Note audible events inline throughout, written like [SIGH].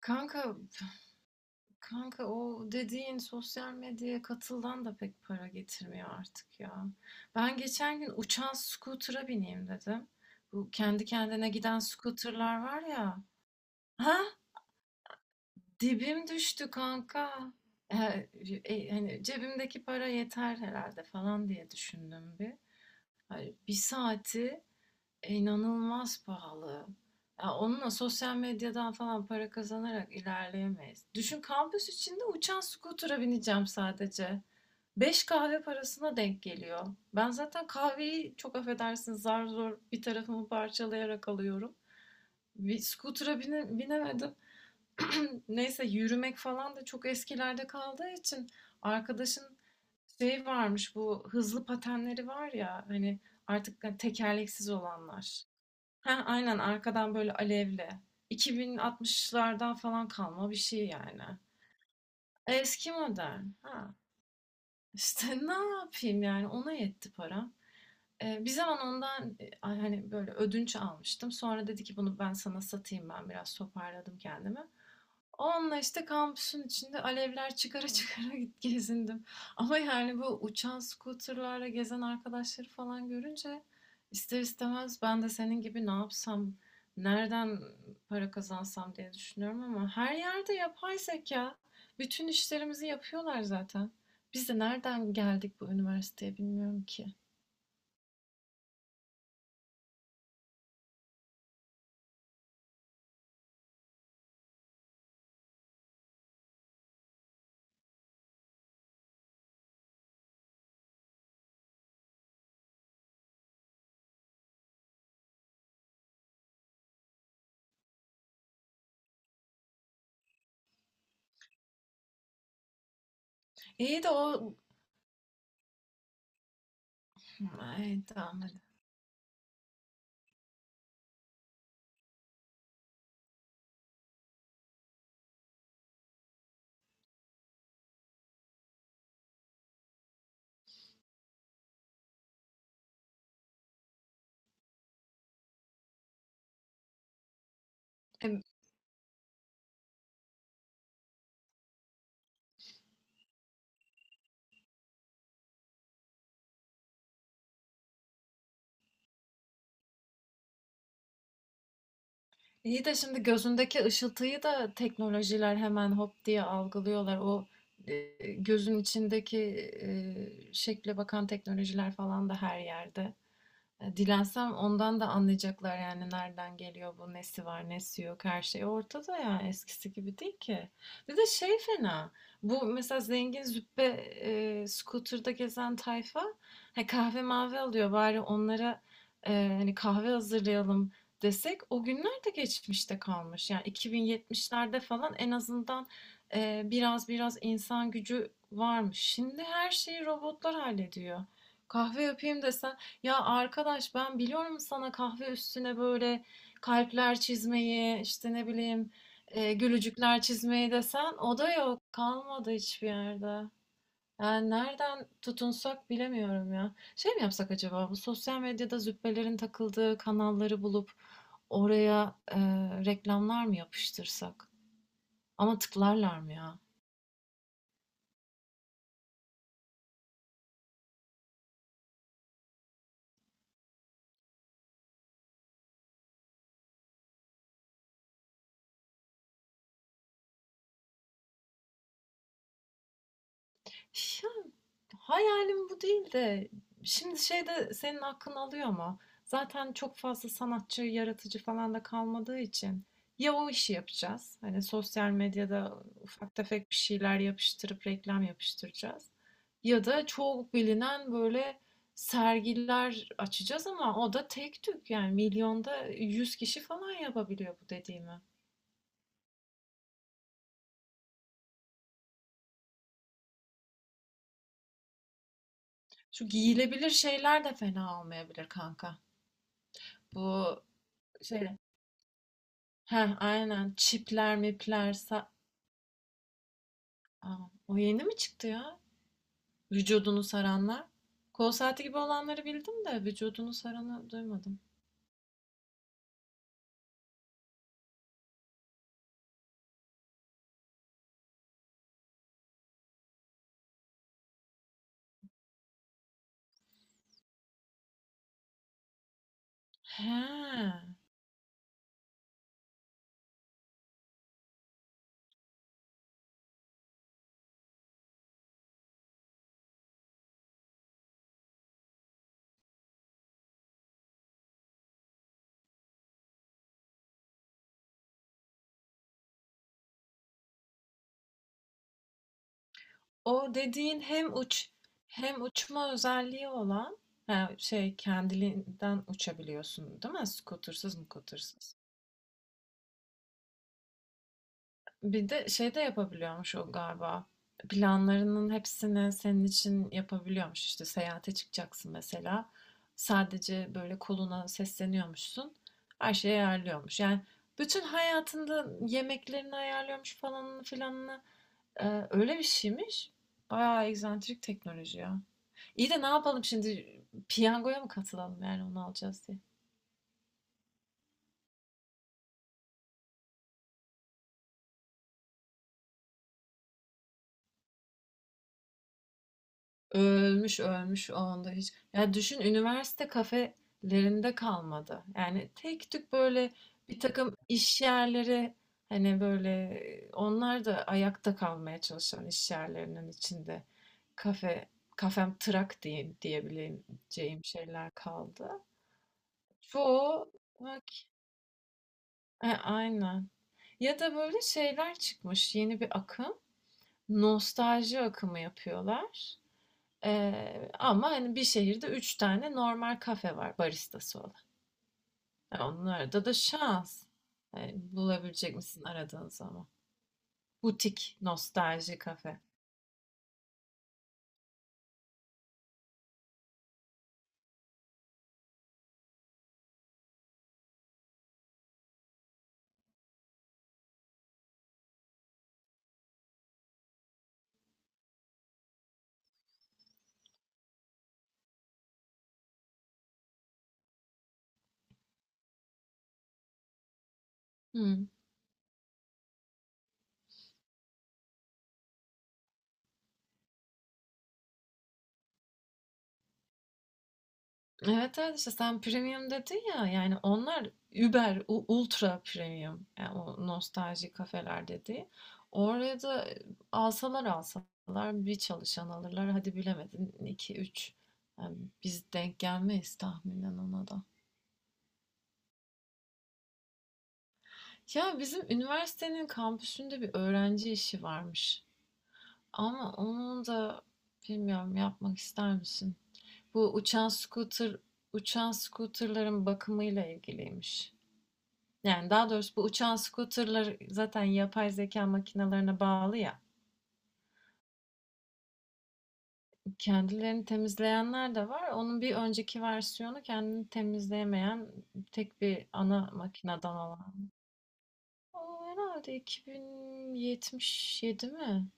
Kanka, kanka, o dediğin sosyal medyaya katıldan da pek para getirmiyor artık ya. Ben geçen gün uçan scooter'a bineyim dedim. Bu kendi kendine giden scooter'lar var ya. Ha? Dibim düştü kanka. E, hani cebimdeki para yeter herhalde falan diye düşündüm bir. Hani bir saati. İnanılmaz pahalı. Ya onunla sosyal medyadan falan para kazanarak ilerleyemeyiz. Düşün, kampüs içinde uçan skutura bineceğim sadece. Beş kahve parasına denk geliyor. Ben zaten kahveyi, çok affedersiniz, zar zor bir tarafımı parçalayarak alıyorum. Bir skutura binemedim. [CLEARS THROAT] Neyse, yürümek falan da çok eskilerde kaldığı için arkadaşın şey varmış, bu hızlı patenleri var ya hani, artık hani tekerleksiz olanlar. Heh, aynen, arkadan böyle alevli. 2060'lardan falan kalma bir şey yani. Eski model. Ha. İşte [LAUGHS] ne yapayım yani, ona yetti para. Bir zaman ondan, hani, böyle, ödünç almıştım. Sonra dedi ki "Bunu ben sana satayım." Ben biraz toparladım kendimi. Onunla, işte, kampüsün içinde alevler çıkara çıkara git gezindim. Ama, yani, bu uçan scooter'larla gezen arkadaşları falan görünce ister istemez ben de senin gibi ne yapsam, nereden para kazansam diye düşünüyorum, ama her yerde yapay zekâ. Bütün işlerimizi yapıyorlar zaten. Biz de nereden geldik bu üniversiteye bilmiyorum ki. İyi de o... Ay, tamam, hadi. E, iyi de şimdi gözündeki ışıltıyı da teknolojiler hemen hop diye algılıyorlar. O e, gözün içindeki şekle bakan teknolojiler falan da her yerde. Dilensem ondan da anlayacaklar yani, nereden geliyor bu, nesi var, nesi yok, her şey ortada, yani eskisi gibi değil ki. Bir de şey fena, bu mesela zengin züppe scooter'da gezen tayfa, he, kahve mavi alıyor bari onlara, e, hani kahve hazırlayalım desek o günler de geçmişte kalmış. Yani 2070'lerde falan en azından biraz biraz insan gücü varmış. Şimdi her şeyi robotlar hallediyor. Kahve yapayım desen, ya arkadaş ben biliyorum sana kahve üstüne böyle kalpler çizmeyi, işte ne bileyim gülücükler çizmeyi desen o da yok, kalmadı hiçbir yerde. Yani nereden tutunsak bilemiyorum ya. Şey mi yapsak acaba, bu sosyal medyada züppelerin takıldığı kanalları bulup oraya reklamlar mı yapıştırsak? Ama tıklarlar mı ya? Hayalim bu değil de şimdi şey de senin hakkını alıyor ama zaten çok fazla sanatçı, yaratıcı falan da kalmadığı için ya o işi yapacağız. Hani sosyal medyada ufak tefek bir şeyler yapıştırıp reklam yapıştıracağız. Ya da çok bilinen böyle sergiler açacağız ama o da tek tük, yani milyonda 100 kişi falan yapabiliyor bu dediğimi. Şu giyilebilir şeyler de fena olmayabilir kanka. Bu şey Heh, aynen. Çipler, mipler, Aa, o yeni mi çıktı ya? Vücudunu saranlar. Kol saati gibi olanları bildim de vücudunu saranı duymadım. He. O dediğin hem uçma özelliği olan, he, şey kendiliğinden uçabiliyorsun değil mi? Scooter'sız mı? Bir de şey de yapabiliyormuş o galiba. Planlarının hepsini senin için yapabiliyormuş. İşte seyahate çıkacaksın mesela. Sadece böyle koluna sesleniyormuşsun. Her şeyi ayarlıyormuş. Yani bütün hayatında yemeklerini ayarlıyormuş, falanını filanını. Öyle bir şeymiş. Bayağı egzantrik teknoloji ya. İyi de ne yapalım şimdi? Piyangoya mı katılalım yani onu alacağız diye? Ölmüş, ölmüş o anda hiç. Ya düşün, üniversite kafelerinde kalmadı. Yani tek tük böyle bir takım iş yerleri, hani böyle onlar da ayakta kalmaya çalışan iş yerlerinin içinde, kafe kafem trak diyeyim diyebileceğim şeyler kaldı. Çoğu bak, aynen. Ya da böyle şeyler çıkmış, yeni bir akım. Nostalji akımı yapıyorlar. Ama hani bir şehirde 3 tane normal kafe var baristası olan. Onun arada da şans. Yani bulabilecek misin aradığın zaman? Butik, nostalji kafe. Hı. Evet, evet, işte sen premium dedin ya, yani onlar Uber, ultra premium yani, o nostalji kafeler dediği. Oraya da alsalar alsalar bir çalışan alırlar, hadi bilemedin iki üç. Yani biz denk gelmeyiz tahminen ona da. Ya bizim üniversitenin kampüsünde bir öğrenci işi varmış. Ama onun da bilmiyorum, yapmak ister misin? Bu uçan scooter, uçan scooterların bakımıyla ilgiliymiş. Yani daha doğrusu bu uçan scooterlar zaten yapay zeka makinelerine bağlı ya. Kendilerini temizleyenler de var. Onun bir önceki versiyonu kendini temizleyemeyen, tek bir ana makineden olan. O herhalde 2077 mi?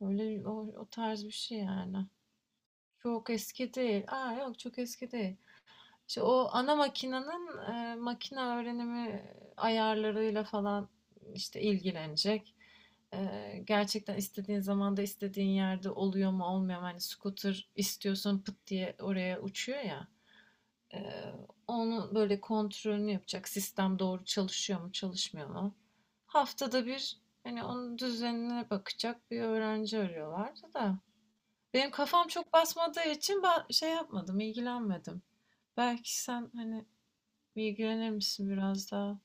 Öyle o, o tarz bir şey yani. Çok eski değil. Aa yok, çok eski değil. İşte o ana makinenin makine öğrenimi ayarlarıyla falan işte ilgilenecek. E, gerçekten istediğin zamanda istediğin yerde oluyor mu olmuyor mu? Hani scooter istiyorsun pıt diye oraya uçuyor ya. E, onun böyle kontrolünü yapacak. Sistem doğru çalışıyor mu çalışmıyor mu? Haftada bir hani onun düzenine bakacak bir öğrenci arıyorlardı da. Benim kafam çok basmadığı için ben şey yapmadım, ilgilenmedim. Belki sen hani ilgilenir misin biraz daha?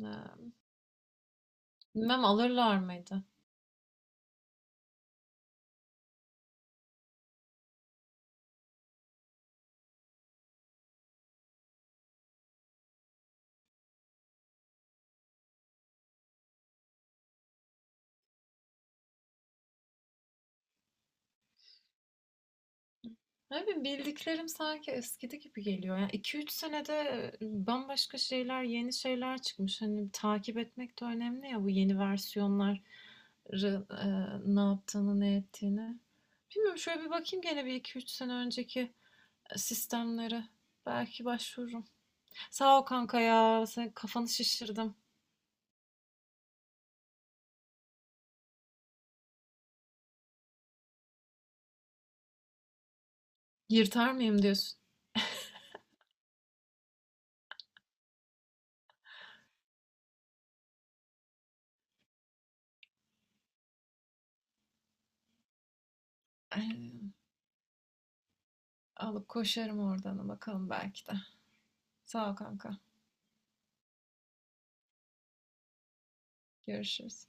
Ee, Bilmem alırlar mıydı? Ne bileyim bildiklerim sanki eskidi gibi geliyor. Yani 2-3 senede bambaşka şeyler, yeni şeyler çıkmış. Hani takip etmek de önemli ya, bu yeni versiyonlar ne yaptığını, ne ettiğini. Bilmiyorum, şöyle bir bakayım gene bir iki üç sene önceki sistemlere. Belki başvururum. Sağ ol kanka ya. Sen kafanı şişirdim. Yırtar mıyım diyorsun? Eee, alıp koşarım oradan bakalım belki de. Sağ ol kanka. Görüşürüz.